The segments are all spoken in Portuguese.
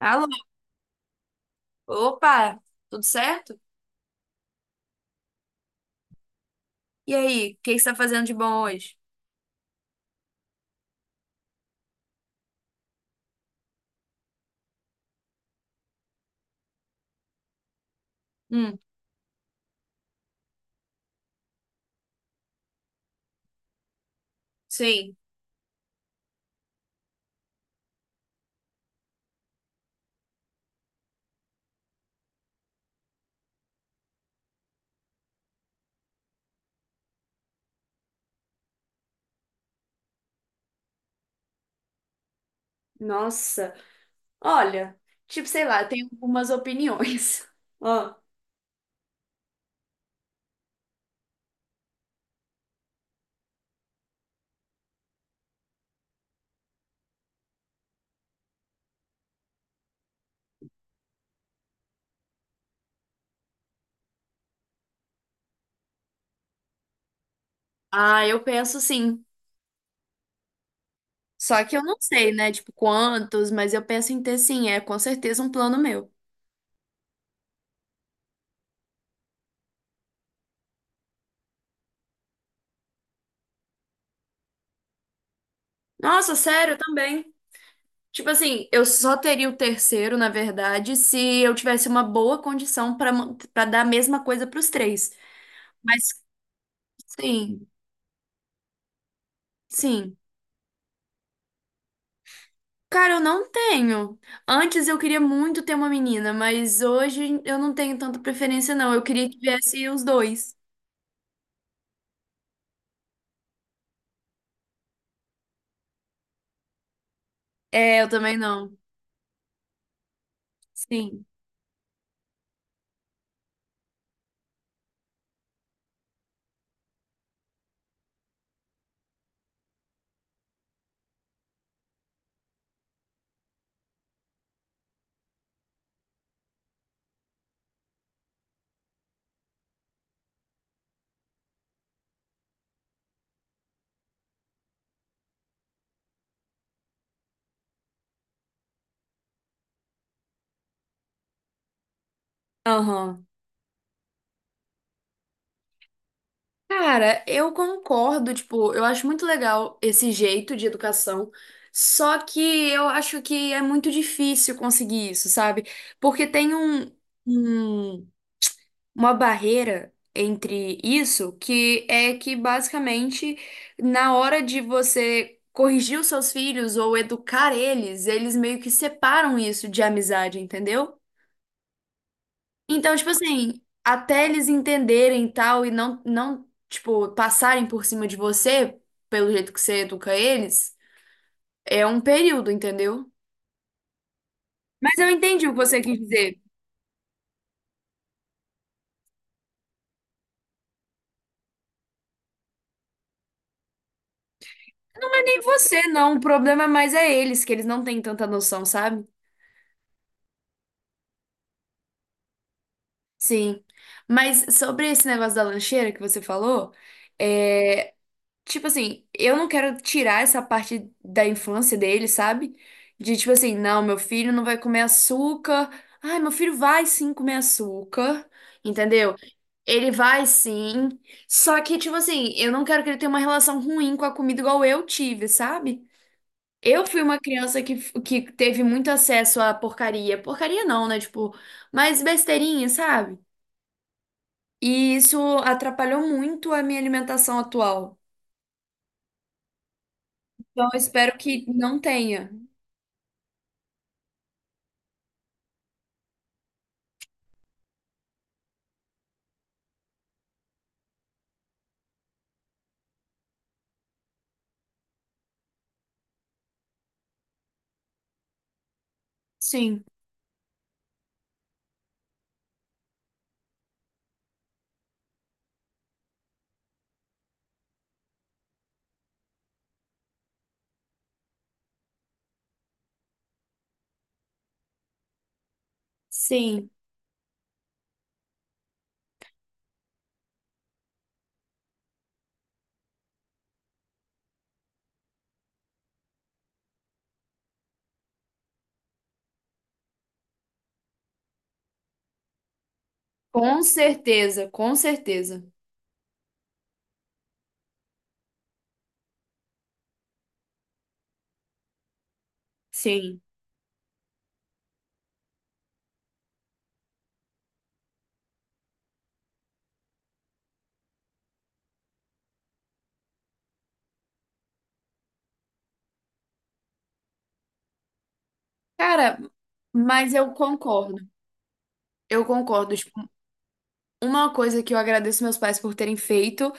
Alô, opa, tudo certo? E aí, o que você tá fazendo de bom hoje? Hum, sim. Nossa, olha, tipo, sei lá, eu tenho algumas opiniões. Ó, ah, eu penso sim. Só que eu não sei, né? Tipo, quantos, mas eu penso em ter sim, é com certeza um plano meu. Nossa, sério, eu também. Tipo assim, eu só teria o terceiro, na verdade, se eu tivesse uma boa condição para dar a mesma coisa para os três. Mas sim, sim. Cara, eu não tenho. Antes eu queria muito ter uma menina, mas hoje eu não tenho tanta preferência, não. Eu queria que viesse os dois. É, eu também não. Sim. Aham. Cara, eu concordo, tipo, eu acho muito legal esse jeito de educação, só que eu acho que é muito difícil conseguir isso, sabe? Porque tem um- uma barreira entre isso, que é que basicamente na hora de você corrigir os seus filhos ou educar eles, eles meio que separam isso de amizade, entendeu? Então, tipo assim, até eles entenderem e tal e não, tipo, passarem por cima de você pelo jeito que você educa eles, é um período, entendeu? Mas eu entendi o que você quis dizer. Não é nem você, não. O problema mais é eles, que eles não têm tanta noção, sabe? Sim. Mas sobre esse negócio da lancheira que você falou, é, tipo assim, eu não quero tirar essa parte da infância dele, sabe? De tipo assim, não, meu filho não vai comer açúcar. Ai, meu filho vai sim comer açúcar, entendeu? Ele vai sim. Só que, tipo assim, eu não quero que ele tenha uma relação ruim com a comida igual eu tive, sabe? Eu fui uma criança que teve muito acesso à porcaria. Porcaria não, né? Tipo, mas besteirinha, sabe? E isso atrapalhou muito a minha alimentação atual. Então, eu espero que não tenha. Sim, sim, com certeza, com certeza. Sim. Cara, mas eu concordo. Eu concordo. Tipo, uma coisa que eu agradeço meus pais por terem feito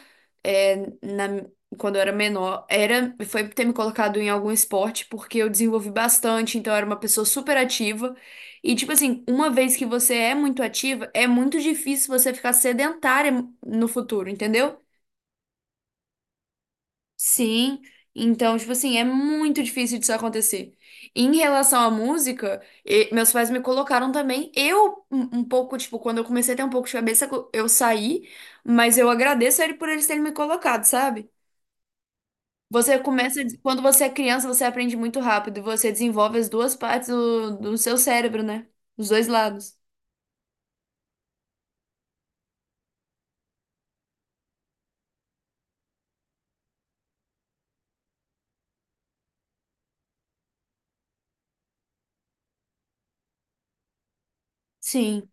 é, na- quando eu era menor era foi ter me colocado em algum esporte porque eu desenvolvi bastante, então eu era uma pessoa super ativa. E tipo assim, uma vez que você é muito ativa, é muito difícil você ficar sedentária no futuro, entendeu? Sim, então, tipo assim, é muito difícil disso acontecer. Em relação à música, meus pais me colocaram também. Eu, um pouco, tipo, quando eu comecei a ter um pouco de cabeça, eu saí, mas eu agradeço a ele por eles terem me colocado, sabe? Você começa, quando você é criança, você aprende muito rápido, e você desenvolve as duas partes do seu cérebro, né? Os dois lados. Sim.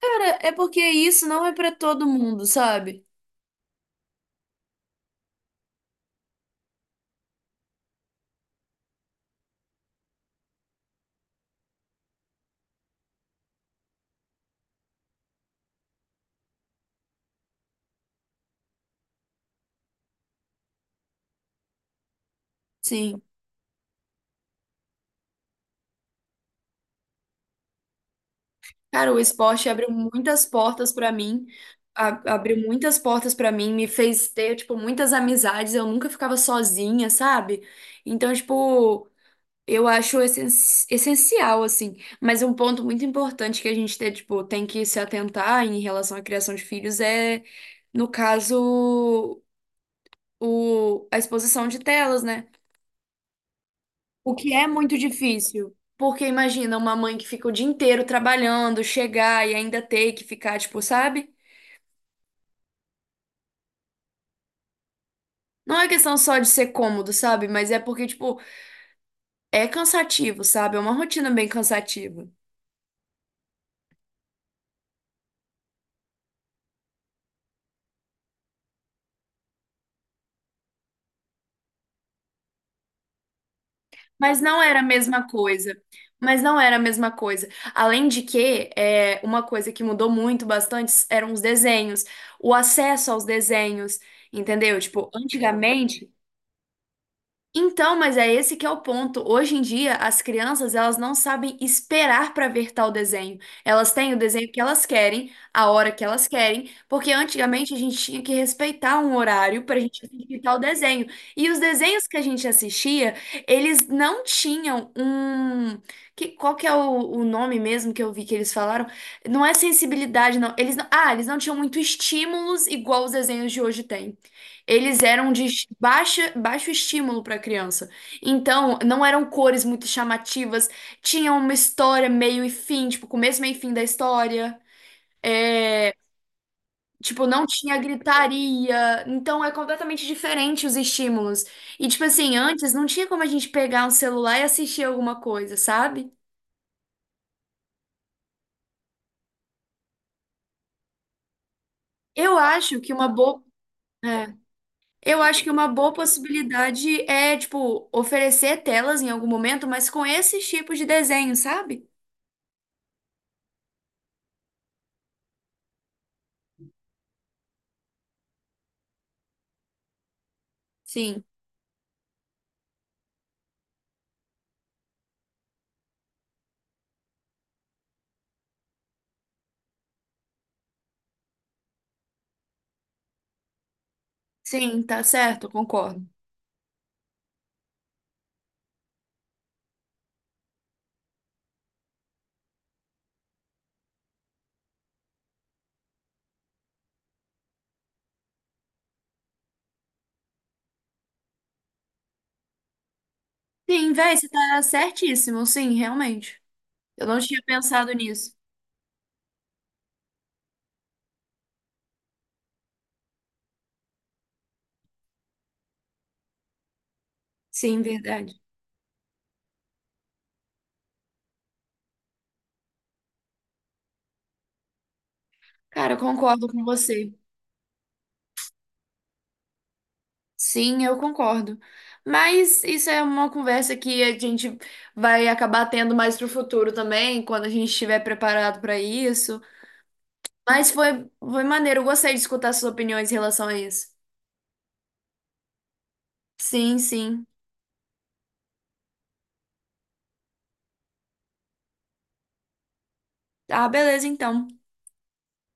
Cara, é porque isso não é pra todo mundo, sabe? Sim. Cara, o esporte abriu muitas portas pra mim, abriu muitas portas pra mim, me fez ter, tipo, muitas amizades, eu nunca ficava sozinha, sabe? Então, tipo, eu acho essencial, assim, mas um ponto muito importante que a gente tem, tipo, tem que se atentar em relação à criação de filhos é, no caso, a exposição de telas, né? O que é muito difícil. Porque imagina uma mãe que fica o dia inteiro trabalhando, chegar e ainda ter que ficar, tipo, sabe? Não é questão só de ser cômodo, sabe? Mas é porque, tipo, é cansativo, sabe? É uma rotina bem cansativa. Mas não era a mesma coisa. Mas não era a mesma coisa. Além de que, é, uma coisa que mudou muito bastante eram os desenhos, o acesso aos desenhos, entendeu? Tipo, antigamente, então, mas é esse que é o ponto. Hoje em dia, as crianças, elas não sabem esperar para ver tal desenho. Elas têm o desenho que elas querem, a hora que elas querem, porque antigamente a gente tinha que respeitar um horário para a gente assistir tal desenho. E os desenhos que a gente assistia, eles não tinham um... Que, qual que é o nome mesmo que eu vi que eles falaram? Não é sensibilidade, não. Eles não... Ah, eles não tinham muito estímulos igual os desenhos de hoje têm. Eles eram de baixa, baixo estímulo para criança. Então, não eram cores muito chamativas, tinha uma história meio e fim, tipo, começo, meio e fim da história. Tipo, não tinha gritaria. Então, é completamente diferente os estímulos. E, tipo assim, antes não tinha como a gente pegar um celular e assistir alguma coisa, sabe? Eu acho que uma boa. É. Eu acho que uma boa possibilidade é, tipo, oferecer telas em algum momento, mas com esses tipos de desenho, sabe? Sim. Sim, tá certo, eu concordo. Sim, véi, você tá certíssimo, sim, realmente. Eu não tinha pensado nisso. Sim, verdade. Cara, eu concordo com você. Sim, eu concordo. Mas isso é uma conversa que a gente vai acabar tendo mais pro futuro também, quando a gente estiver preparado para isso. Mas foi, foi maneiro, eu gostei de escutar suas opiniões em relação a isso. Sim, sim. Ah, beleza, então.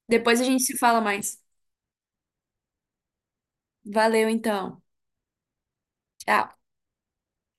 Depois a gente se fala mais. Valeu, então. Tchau.